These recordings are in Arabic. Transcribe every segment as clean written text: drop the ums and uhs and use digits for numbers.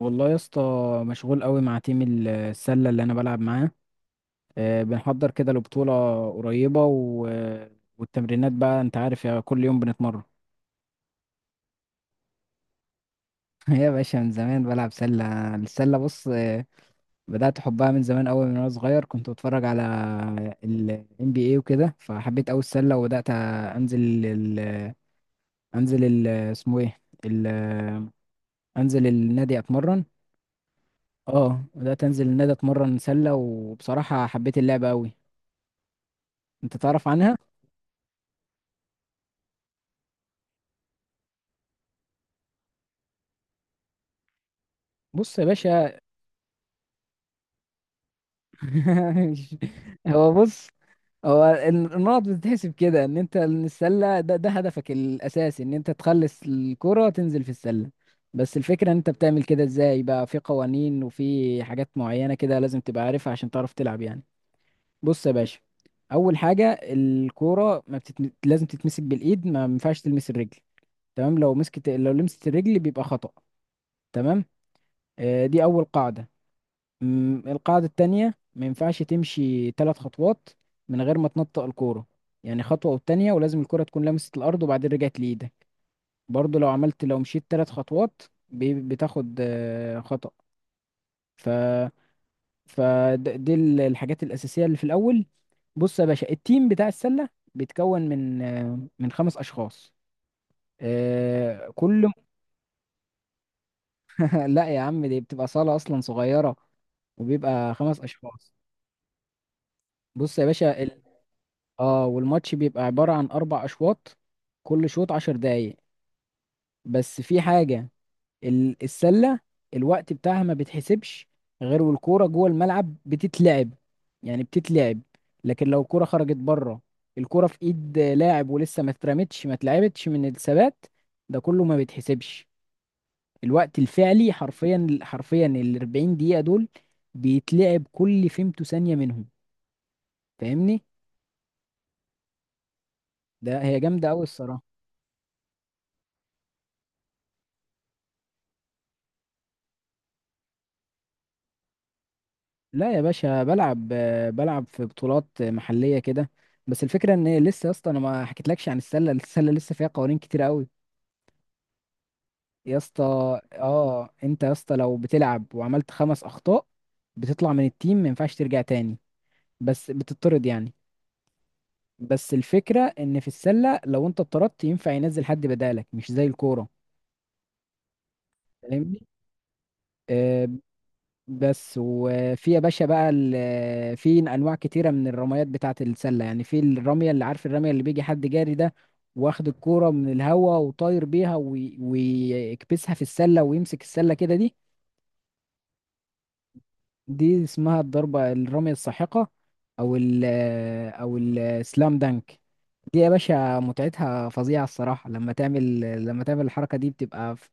والله يا اسطى، مشغول قوي مع تيم السلة اللي انا بلعب معاه. بنحضر كده لبطولة قريبة والتمرينات بقى انت عارف يا، كل يوم بنتمرن. يا باشا من زمان بلعب سلة. السلة بص، بدأت حبها من زمان قوي، من وانا صغير كنت بتفرج على ال NBA وكده، فحبيت قوي السلة وبدأت انزل انزل اسمه ايه انزل النادي اتمرن. اه، بدأت انزل النادي اتمرن سلة، وبصراحة حبيت اللعبة قوي. انت تعرف عنها؟ بص يا باشا. هو بص، هو النقط بتتحسب كده، ان انت ان السله، ده هدفك الاساسي، ان انت تخلص الكره تنزل في السله. بس الفكره ان انت بتعمل كده ازاي، بقى في قوانين وفي حاجات معينه كده لازم تبقى عارفها عشان تعرف تلعب يعني. بص يا باشا، اول حاجه الكوره ما بتتم... لازم تتمسك بالايد، ما ينفعش تلمس الرجل. تمام؟ لو مسكت، لو لمست الرجل بيبقى خطأ. تمام. دي اول قاعده. القاعدة التانية، ما ينفعش تمشي ثلاث خطوات من غير ما تنطق الكورة. يعني خطوة والتانية، ولازم الكورة تكون لمست الأرض وبعدين رجعت لإيدك. برضو لو عملت، لو مشيت ثلاث خطوات بتاخد خطأ. ف فدي الحاجات الأساسية اللي في الأول. بص يا باشا، التيم بتاع السلة بيتكون من من خمس أشخاص. آه، كل لا يا عم، دي بتبقى صالة أصلا صغيرة، وبيبقى خمس أشخاص. بص يا باشا، اه، والماتش بيبقى عبارة عن أربع أشواط، كل شوط عشر دقايق. بس في حاجة، السلة الوقت بتاعها ما بتحسبش غير والكورة جوه الملعب بتتلعب، يعني بتتلعب. لكن لو الكورة خرجت بره، الكورة في إيد لاعب ولسه ما اترمتش، ما اتلعبتش من الثبات، ده كله ما بيتحسبش. الوقت الفعلي حرفيا، حرفيا ال 40 دقيقة دول بيتلعب كل فيمتو ثانية منهم. فاهمني؟ ده هي جامدة أوي الصراحة. لا يا باشا، بلعب، بلعب في بطولات محلية كده. بس الفكرة ان لسه يا اسطى انا ما حكيتلكش عن السلة. السلة لسه فيها قوانين كتير قوي يا اسطى. اه، انت يا اسطى لو بتلعب وعملت خمس اخطاء بتطلع من التيم، ما ينفعش ترجع تاني. بس بتطرد يعني. بس الفكرة ان في السلة لو انت اتطردت ينفع ينزل حد بدالك، مش زي الكورة. فاهمني؟ آه، بس وفي يا باشا بقى في انواع كتيره من الرميات بتاعه السله. يعني في الرميه اللي، عارف الرميه اللي بيجي حد جاري، ده واخد الكوره من الهوا وطاير بيها ويكبسها في السله ويمسك السله كده، دي دي اسمها الضربه، الرميه الساحقه. او او السلام دانك. دي يا باشا متعتها فظيعه الصراحه، لما تعمل، لما تعمل الحركه دي بتبقى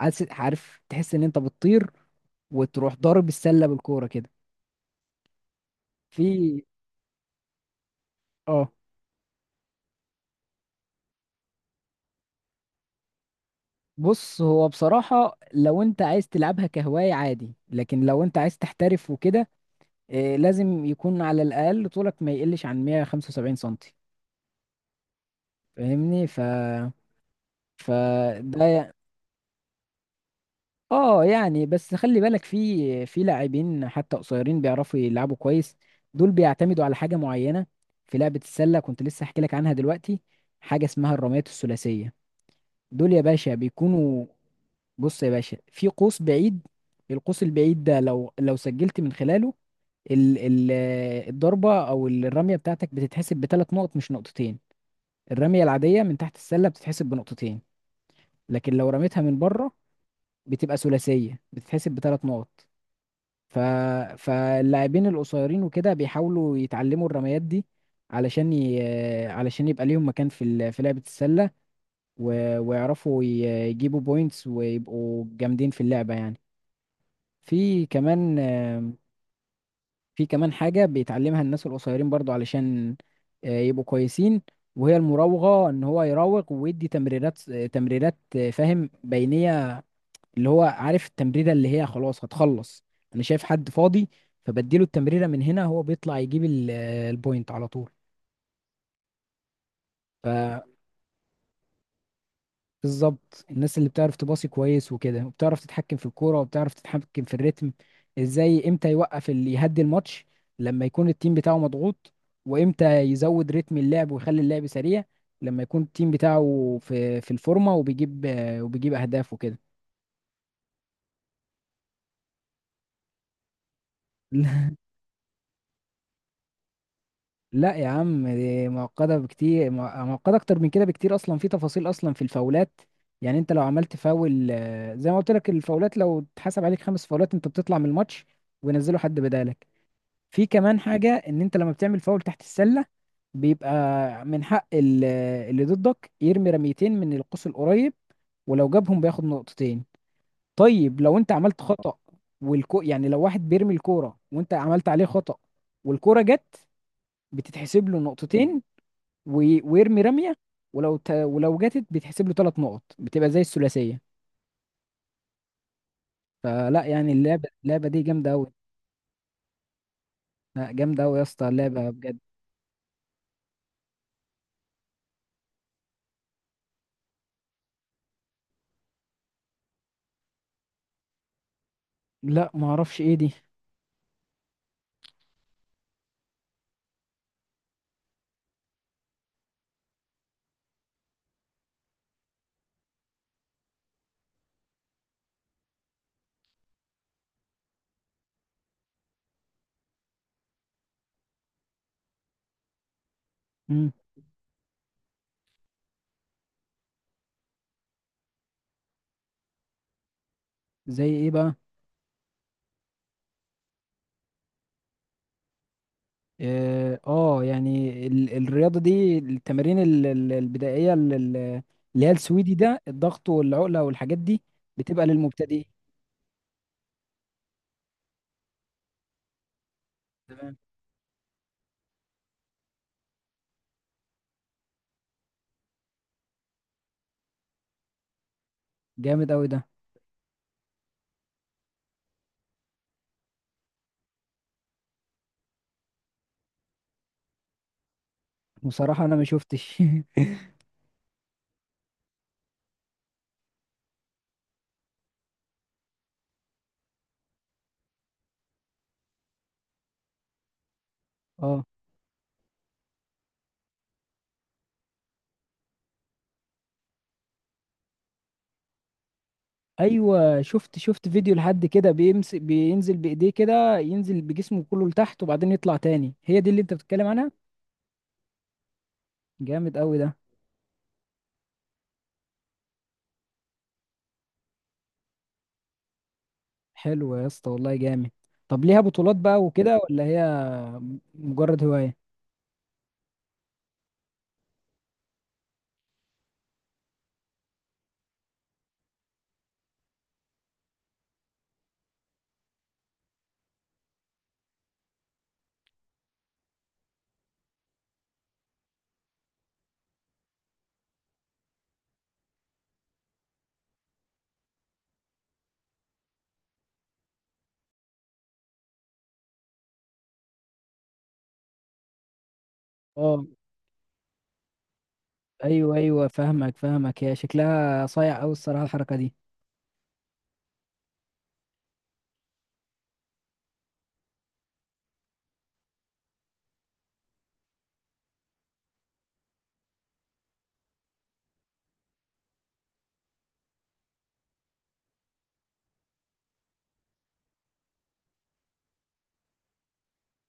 عارف، عارف تحس ان انت بتطير وتروح ضارب السله بالكوره كده. في اه. بص هو بصراحة لو انت عايز تلعبها كهواية عادي، لكن لو انت عايز تحترف وكده، إيه، لازم يكون على الأقل طولك ما يقلش عن 175 سنتي. فاهمني؟ فده ي- اه يعني. بس خلي بالك، في لاعبين حتى قصيرين بيعرفوا يلعبوا كويس. دول بيعتمدوا على حاجة معينة في لعبة السلة، كنت لسه احكي لك عنها دلوقتي. حاجة اسمها الرميات الثلاثية. دول يا باشا بيكونوا، بص يا باشا، في قوس بعيد. القوس البعيد ده لو، لو سجلت من خلاله ال ال الضربة أو الرمية بتاعتك بتتحسب بثلاث نقط، مش نقطتين. الرمية العادية من تحت السلة بتتحسب بنقطتين، لكن لو رميتها من بره بتبقى ثلاثية، بتتحسب بثلاث نقط. ف فاللاعبين القصيرين وكده بيحاولوا يتعلموا الرميات دي، علشان علشان يبقى ليهم مكان في في لعبة السلة، ويعرفوا يجيبوا بوينتس، ويبقوا جامدين في اللعبة يعني. في كمان في كمان حاجة بيتعلمها الناس القصيرين برضو، علشان يبقوا كويسين، وهي المراوغة. ان هو يراوغ ويدي تمريرات، فاهم، بينية، اللي هو عارف التمريرة اللي هي خلاص هتخلص، انا شايف حد فاضي، فبديله التمريرة من هنا، هو بيطلع يجيب البوينت على طول. بالظبط، الناس اللي بتعرف تباصي كويس وكده، وبتعرف تتحكم في الكوره، وبتعرف تتحكم في الريتم، ازاي، امتى يوقف، اللي يهدي الماتش لما يكون التيم بتاعه مضغوط، وامتى يزود رتم اللعب ويخلي اللعب سريع لما يكون التيم بتاعه في، في الفورمه وبيجيب، وبيجيب اهداف وكده. لا يا عم، دي معقده بكتير، معقده اكتر من كده بكتير اصلا. في تفاصيل اصلا، في الفاولات، يعني انت لو عملت فاول، زي ما قلت لك، الفاولات لو اتحسب عليك خمس فاولات انت بتطلع من الماتش، وينزلوا حد بدالك. في كمان حاجة ان انت لما بتعمل فاول تحت السلة بيبقى من حق اللي ضدك يرمي رميتين من القوس القريب، ولو جابهم بياخد نقطتين. طيب لو انت عملت خطأ، يعني لو واحد بيرمي الكورة وانت عملت عليه خطأ والكورة جت، بتتحسب له نقطتين، ويرمي رمية، ولو ولو جاتت بيتحسب له ثلاث نقط، بتبقى زي الثلاثية. فلا يعني، اللعبة، اللعبة دي جامدة أوي. لا، جامدة أوي يا اسطى اللعبة بجد. لا معرفش ايه دي. مم. زي ايه بقى؟ اه، يعني الرياضة دي، التمارين البدائية، اللي هي السويدي ده، الضغط والعقلة والحاجات دي، بتبقى للمبتدئين. تمام. جامد قوي ده. بصراحة انا ما شفتش. اه. ايوه، شفت، شفت فيديو لحد كده بيمسك، بينزل بايديه كده، ينزل بجسمه كله لتحت وبعدين يطلع تاني، هي دي اللي انت بتتكلم عنها؟ جامد قوي ده. حلو يا اسطى، والله جامد. طب ليها بطولات بقى وكده، ولا هي مجرد هواية؟ اه. ايوه، ايوه، فاهمك، فاهمك. هي شكلها صايع قوي الصراحه الحركه دي.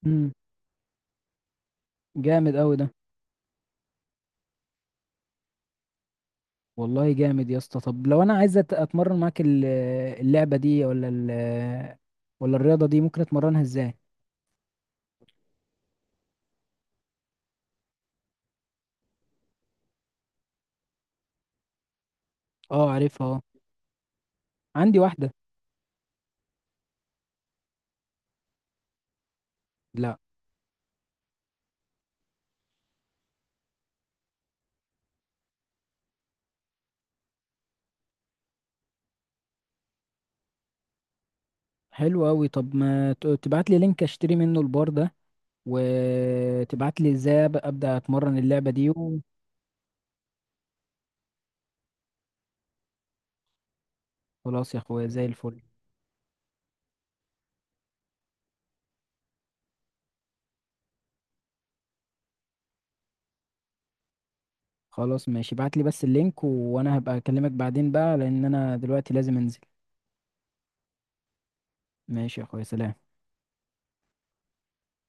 امم. جامد قوي ده. والله جامد يا اسطى. طب لو انا عايز اتمرن معاك اللعبه دي، ولا ولا الرياضه دي، ممكن اتمرنها ازاي؟ اه، عارفها، اه. عندي واحده. لا. حلو قوي. طب ما تبعت لي لينك اشتري منه البار ده، وتبعت لي ازاي ابدا اتمرن اللعبه دي. وخلاص يا اخويا، زي الفل. خلاص ماشي، ابعت لي بس اللينك وانا هبقى اكلمك بعدين بقى، لان انا دلوقتي لازم انزل. ماشي يا اخويا، سلام.